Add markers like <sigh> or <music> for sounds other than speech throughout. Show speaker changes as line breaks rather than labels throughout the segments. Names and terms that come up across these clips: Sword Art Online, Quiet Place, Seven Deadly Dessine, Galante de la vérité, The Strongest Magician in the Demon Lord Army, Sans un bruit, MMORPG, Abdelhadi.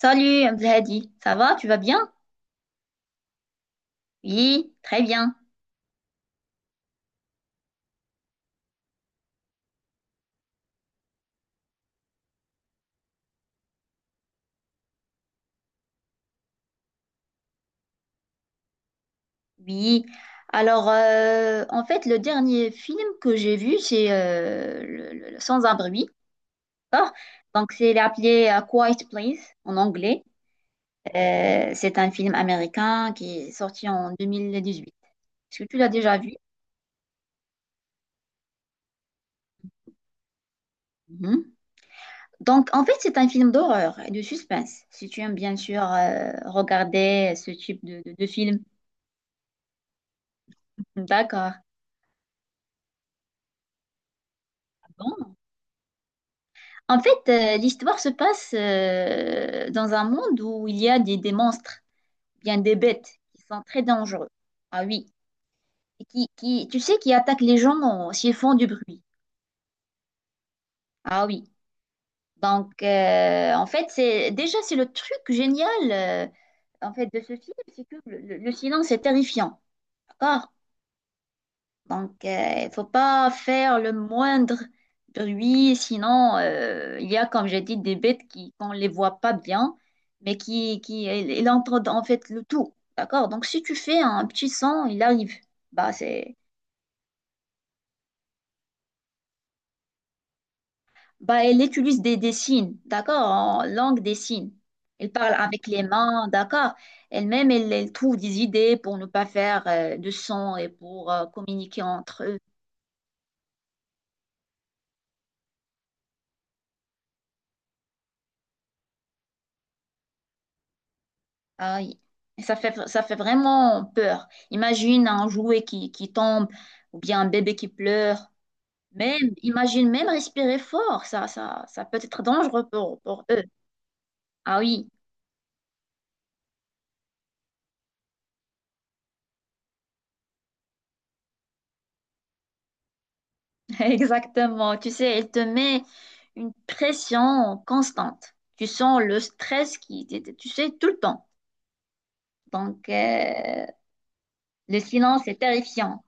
Salut Abdelhadi, ça va? Tu vas bien? Oui, très bien. Oui. Alors, en fait, le dernier film que j'ai vu, c'est le Sans un bruit. D'accord. Donc, c'est il est appelé Quiet Place en anglais. C'est un film américain qui est sorti en 2018. Est-ce que tu l'as déjà vu? Mhm. Donc, en fait, c'est un film d'horreur et de suspense. Si tu aimes bien sûr regarder ce type de film. D'accord. Bon. En fait, l'histoire se passe dans un monde où il y a des monstres, bien des bêtes, qui sont très dangereux. Ah oui. Et qui attaquent les gens s'ils font du bruit. Ah oui. Donc, en fait, c'est déjà, c'est le truc génial en fait, de ce film, c'est que le silence est terrifiant. D'accord. Donc, il faut pas faire le moindre bruit, sinon il y a, comme j'ai dit, des bêtes qu'on ne les voit pas bien, mais elle en fait le tout. D'accord? Donc, si tu fais un petit son, il arrive. Bah, c'est, bah, elle utilise des signes, d'accord? En langue des signes. Elle parle avec les mains, d'accord? Elle-même, elle trouve des idées pour ne pas faire de son et pour communiquer entre eux. Ah oui. Ça fait vraiment peur. Imagine un jouet qui tombe ou bien un bébé qui pleure. Même, imagine même respirer fort. Ça peut être dangereux pour eux. Ah oui, <laughs> exactement. Tu sais, elle te met une pression constante. Tu sens le stress qui, tu tu sais, tout le temps. Donc, le silence est terrifiant.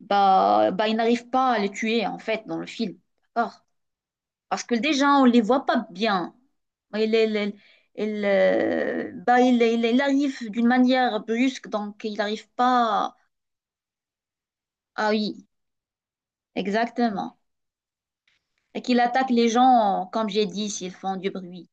Bah, il n'arrive pas à le tuer, en fait, dans le film. D'accord? Parce que déjà, on ne les voit pas bien. Il, il il, bah, il arrive d'une manière brusque, donc il n'arrive pas. Ah oui, exactement. Et qu'il attaque les gens, comme j'ai dit, s'ils font du bruit.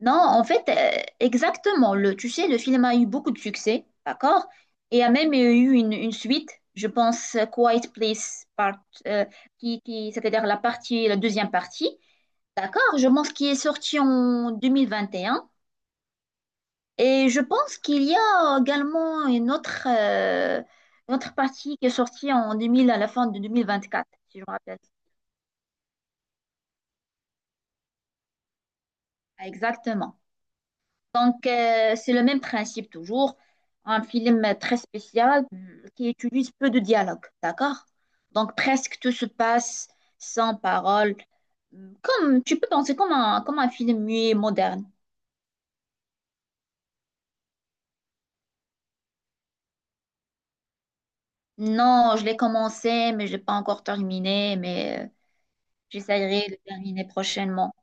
Non, en fait, exactement. Le film a eu beaucoup de succès, d'accord? Et a même eu une suite, je pense, Quiet Place Part, euh, c'est-à-dire la deuxième partie, d'accord? Je pense qui est sortie en 2021. Et je pense qu'il y a également une autre partie qui est sortie en 2000 à la fin de 2024 si je me rappelle. Exactement. Donc, c'est le même principe toujours. Un film très spécial qui utilise peu de dialogue, d'accord? Donc, presque tout se passe sans parole. Comme, tu peux penser comme un film muet moderne. Non, je l'ai commencé, mais je n'ai pas encore terminé, mais j'essaierai de terminer prochainement.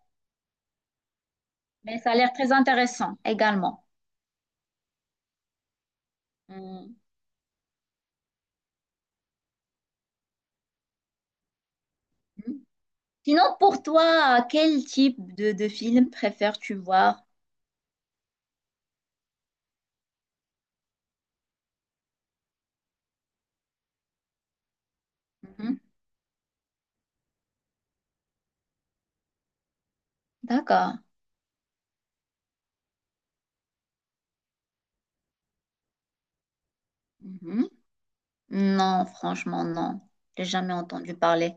Mais ça a l'air très intéressant également. Mm. Mhm. Sinon, pour toi, quel type de film préfères-tu voir? Mhm. D'accord. Mhm. Non, franchement, non. J'ai jamais entendu parler.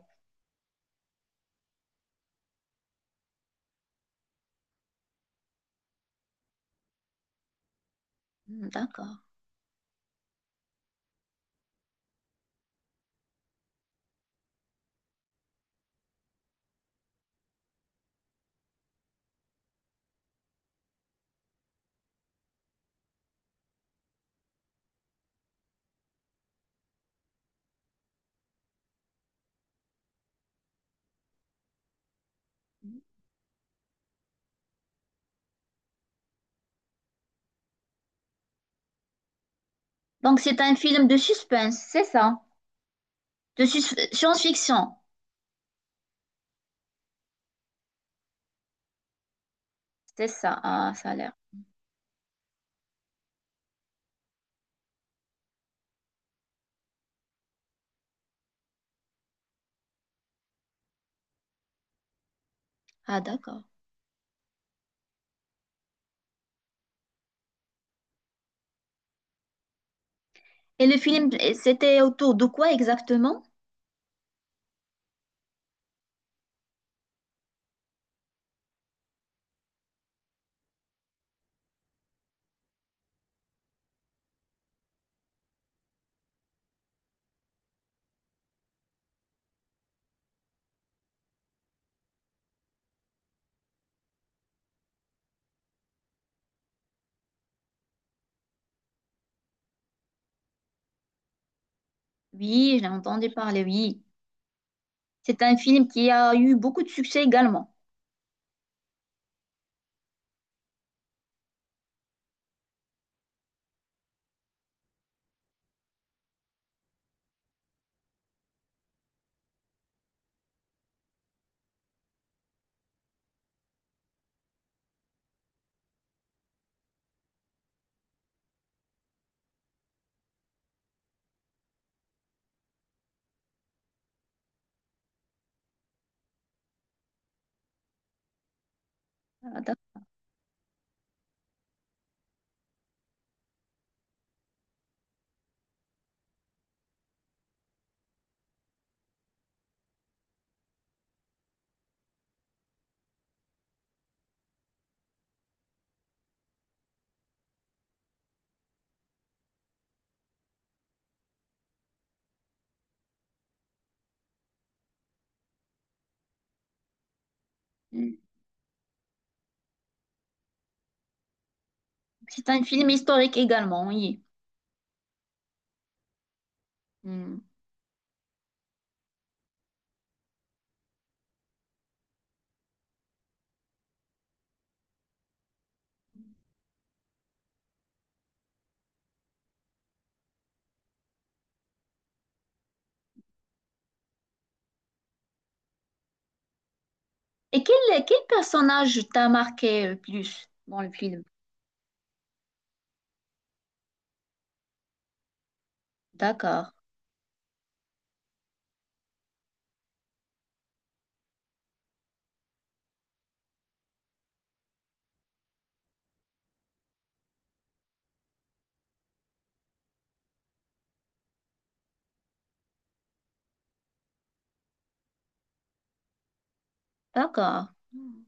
Mhm. D'accord. Donc, c'est un film de suspense, c'est ça? De sus- science-fiction, c'est ça. Ah, ça a l'air. Ah, d'accord. Et le film, c'était autour de quoi exactement? Oui, j'ai entendu parler, oui. C'est un film qui a eu beaucoup de succès également. Ah, d'accord. Mm. C'est un film historique également, oui. Hmm. Et quel personnage t'a marqué le plus dans le film? D'accord, d'accord. Hmm.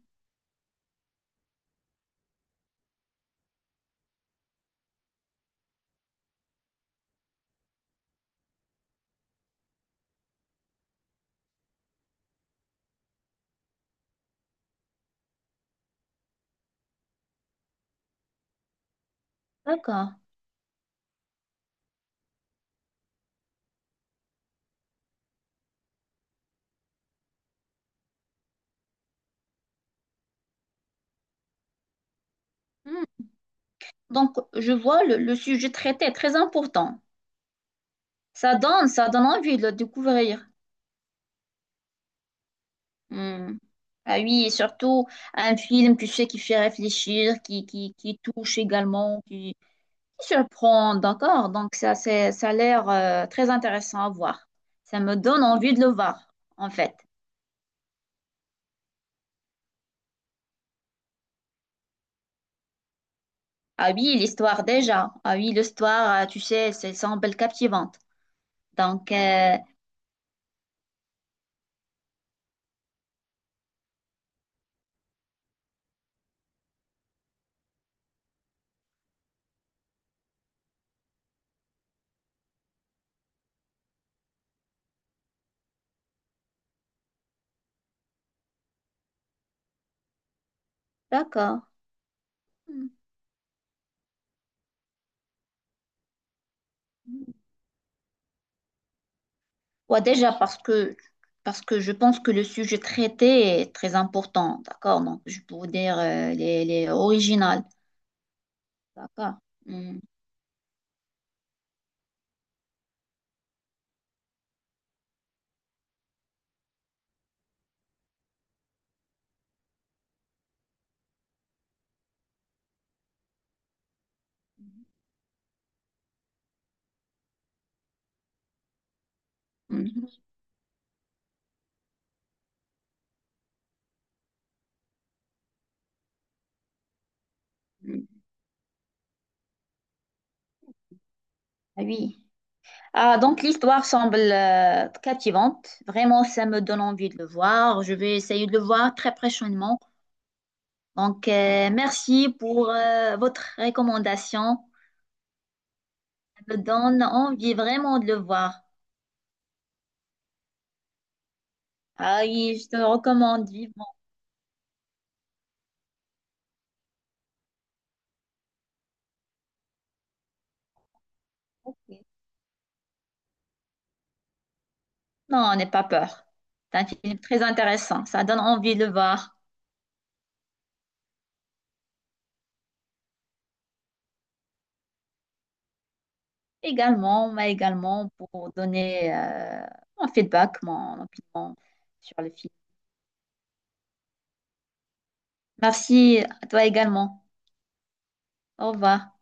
D'accord. Hmm. Donc, je vois le sujet traité, très important. Ça donne envie de le découvrir. Hmm. Ah oui, et surtout un film, tu sais, qui fait réfléchir, qui touche également, qui surprend, d'accord? Donc, ça a l'air très intéressant à voir. Ça me donne envie de le voir, en fait. Ah oui, l'histoire déjà. Ah oui, l'histoire, tu sais, ça semble captivante. Donc, d'accord. Hmm. Ouais, déjà parce que je pense que le sujet traité est très important, d'accord? Donc, je peux vous dire les originales, d'accord? Hmm, hmm, hmm. Ah oui. Ah, donc l'histoire semble captivante. Vraiment, ça me donne envie de le voir. Je vais essayer de le voir très prochainement. Donc, merci pour votre recommandation. Me donne envie vraiment de le voir. Ah oui, je te recommande vivement. Non, n'aie pas peur. C'est un film très intéressant. Ça donne envie de le voir. Également, mais également pour donner mon feedback, mon opinion sur le film. Merci à toi également. Au revoir.